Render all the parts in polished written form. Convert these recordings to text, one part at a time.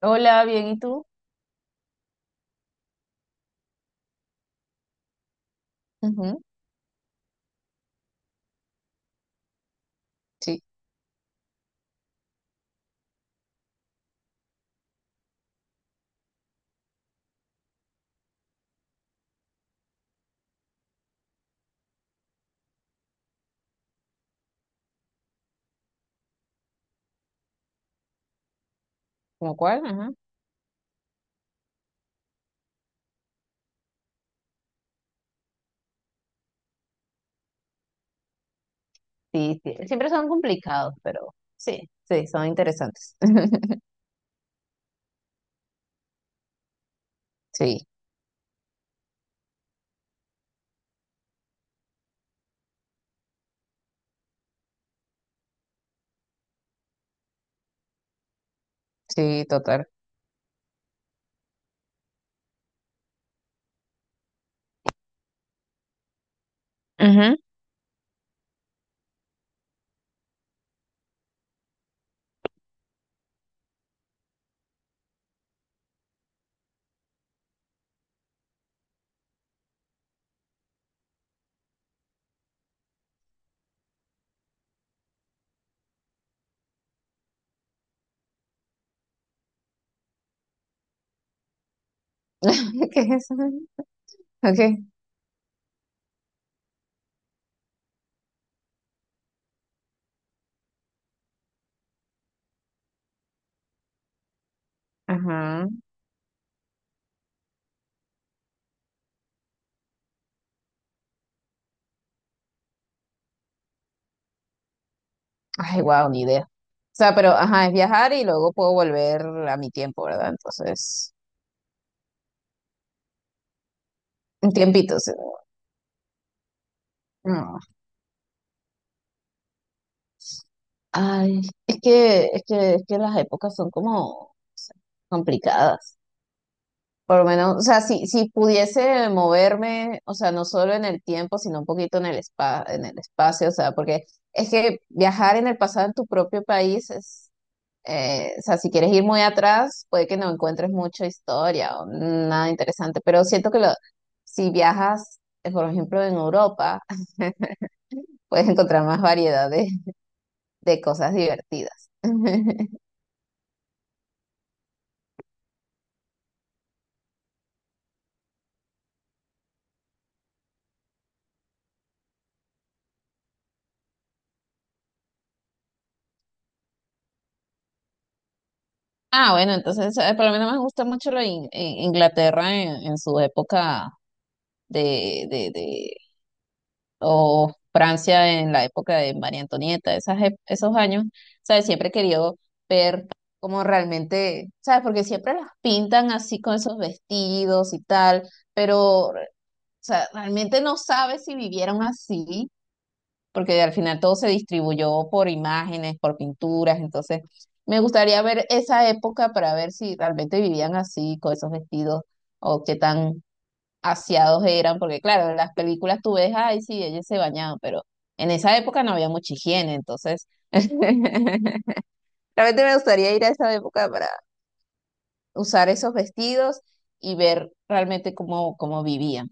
Hola, bien, ¿y tú? Ujú. Sí, ¿como cuál? Ajá. Sí, sí, siempre son complicados, pero sí, sí, son interesantes. Sí, sí, total. Ujú. ¿Qué es eso? Ok. Ajá. Ay, wow, ni idea. O sea, pero ajá, es viajar y luego puedo volver a mi tiempo, ¿verdad? Entonces, un tiempito. O no. Ay, es que las épocas son como, o sea, complicadas. Por lo menos, o sea, si, si pudiese moverme, o sea, no solo en el tiempo, sino un poquito en el espa en el espacio, o sea, porque es que viajar en el pasado en tu propio país es, o sea, si quieres ir muy atrás, puede que no encuentres mucha historia o nada interesante, pero siento que lo, si viajas, por ejemplo, en Europa, puedes encontrar más variedad de cosas divertidas. Ah, bueno, entonces, por lo menos me gusta mucho lo de Inglaterra en su época de, o Francia en la época de María Antonieta, esas, esos años, ¿sabes? Siempre he querido ver cómo realmente, ¿sabes? Porque siempre las pintan así con esos vestidos y tal, pero, o sea, realmente no sabes si vivieron así, porque al final todo se distribuyó por imágenes, por pinturas, entonces me gustaría ver esa época para ver si realmente vivían así, con esos vestidos, o qué tan aseados eran, porque claro, en las películas tú ves, ay, sí, ellos se bañaban, pero en esa época no había mucha higiene, entonces realmente me gustaría ir a esa época para usar esos vestidos y ver realmente cómo, cómo vivían.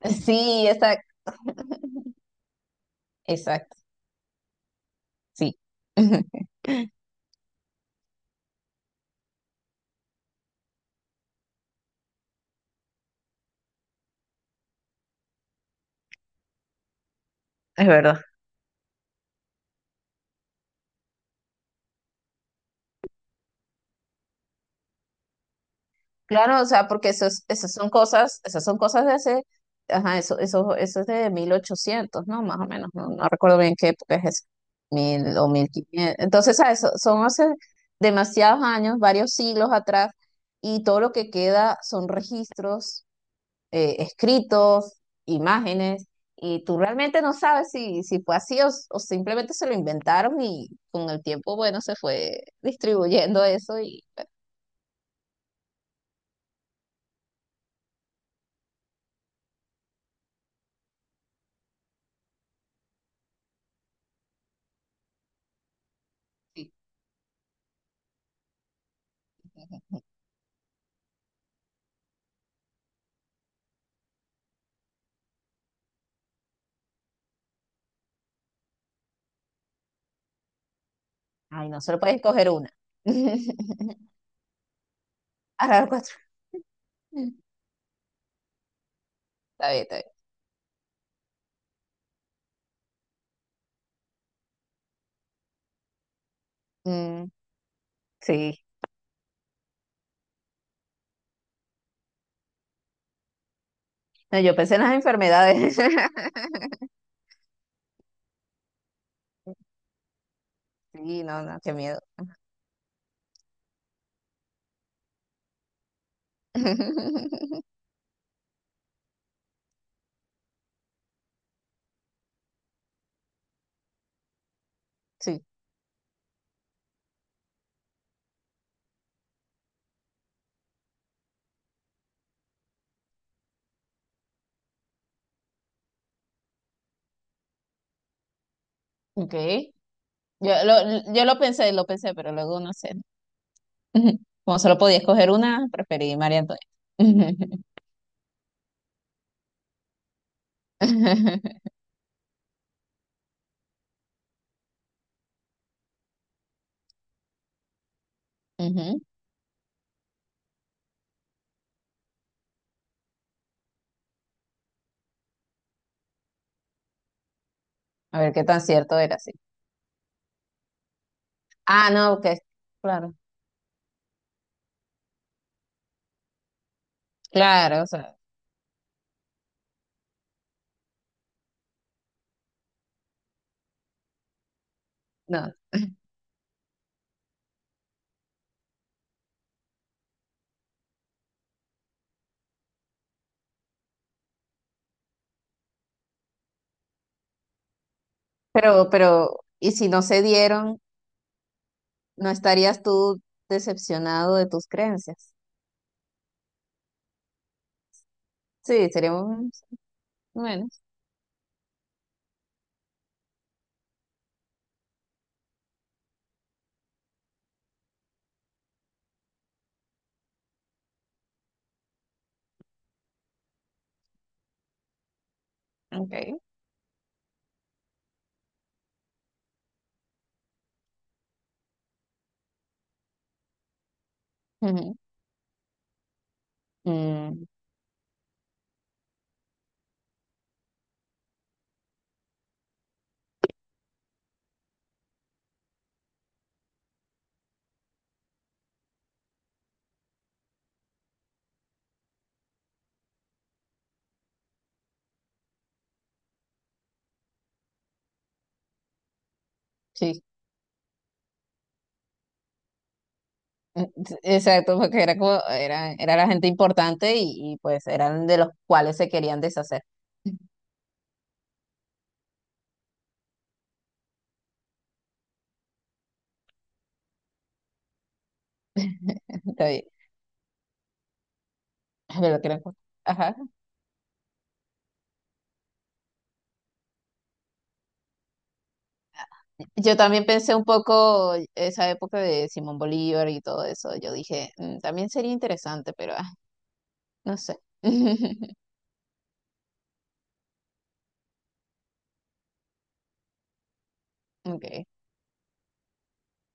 Sí, exacto, exacto, sí, es verdad. Claro, o sea, porque esas son cosas, esas son cosas de hace, ajá, eso es de 1800, ¿no? Más o menos, no, no recuerdo bien qué época es eso, 1000 o 1500. Entonces, ¿sabes? Son hace demasiados años, varios siglos atrás, y todo lo que queda son registros, escritos, imágenes, y tú realmente no sabes si, si fue así o simplemente se lo inventaron y con el tiempo, bueno, se fue distribuyendo eso y... Ay, no solo puedes escoger una. Ahora los cuatro. Está bien, está bien. Mm, sí. No, yo pensé en las enfermedades. Sí, no, no, qué miedo. Sí. Ok. Yo lo pensé, lo pensé, pero luego no sé. Como solo podía escoger una, preferí María Antonia. Ujú. A ver qué tan cierto era, sí. Ah, no, que claro. Claro, o sea, no. Pero, ¿y si no se dieron? No estarías tú decepcionado de tus creencias. Sí, seríamos menos. Okay. Ujú. Mm, sí. Mm, exacto, porque era como, era, era la gente importante y, pues eran de los cuales se querían deshacer. Está bien. De lo que ajá. Yo también pensé un poco esa época de Simón Bolívar y todo eso. Yo dije, "Mm, también sería interesante, pero ah, no sé". Okay.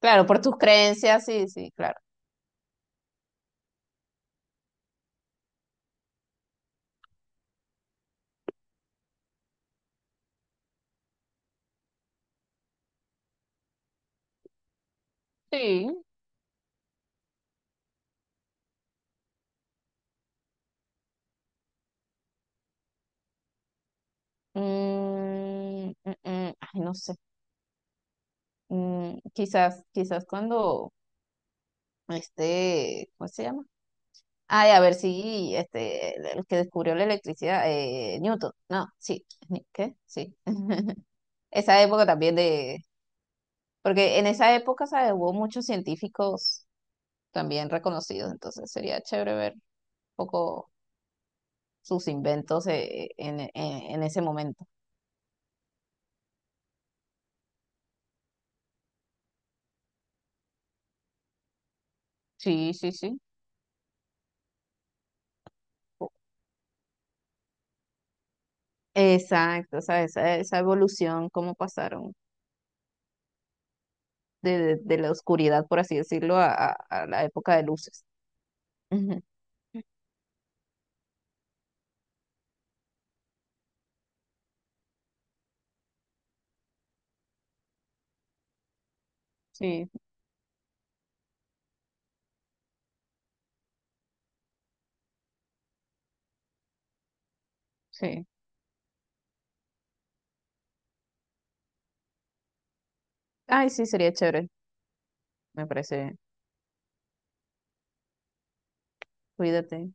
Claro, por tus creencias, sí, sí, claro. Sí. Mm, mm, mm, ay, no sé. Mm, quizás, quizás cuando este, ¿cómo se llama? Ay, a ver si este, el que descubrió la electricidad, Newton. No, sí. ¿Qué? Sí. Esa época también de, porque en esa época, ¿sabes? Hubo muchos científicos también reconocidos, entonces sería chévere ver un poco sus inventos en ese momento. Sí, sí, sí. Exacto, ¿sabes? Esa evolución, cómo pasaron de la oscuridad, por así decirlo, a, a la época de luces. Ujú. Sí, sí. Ay, sí, sería chévere, me parece. Cuídate.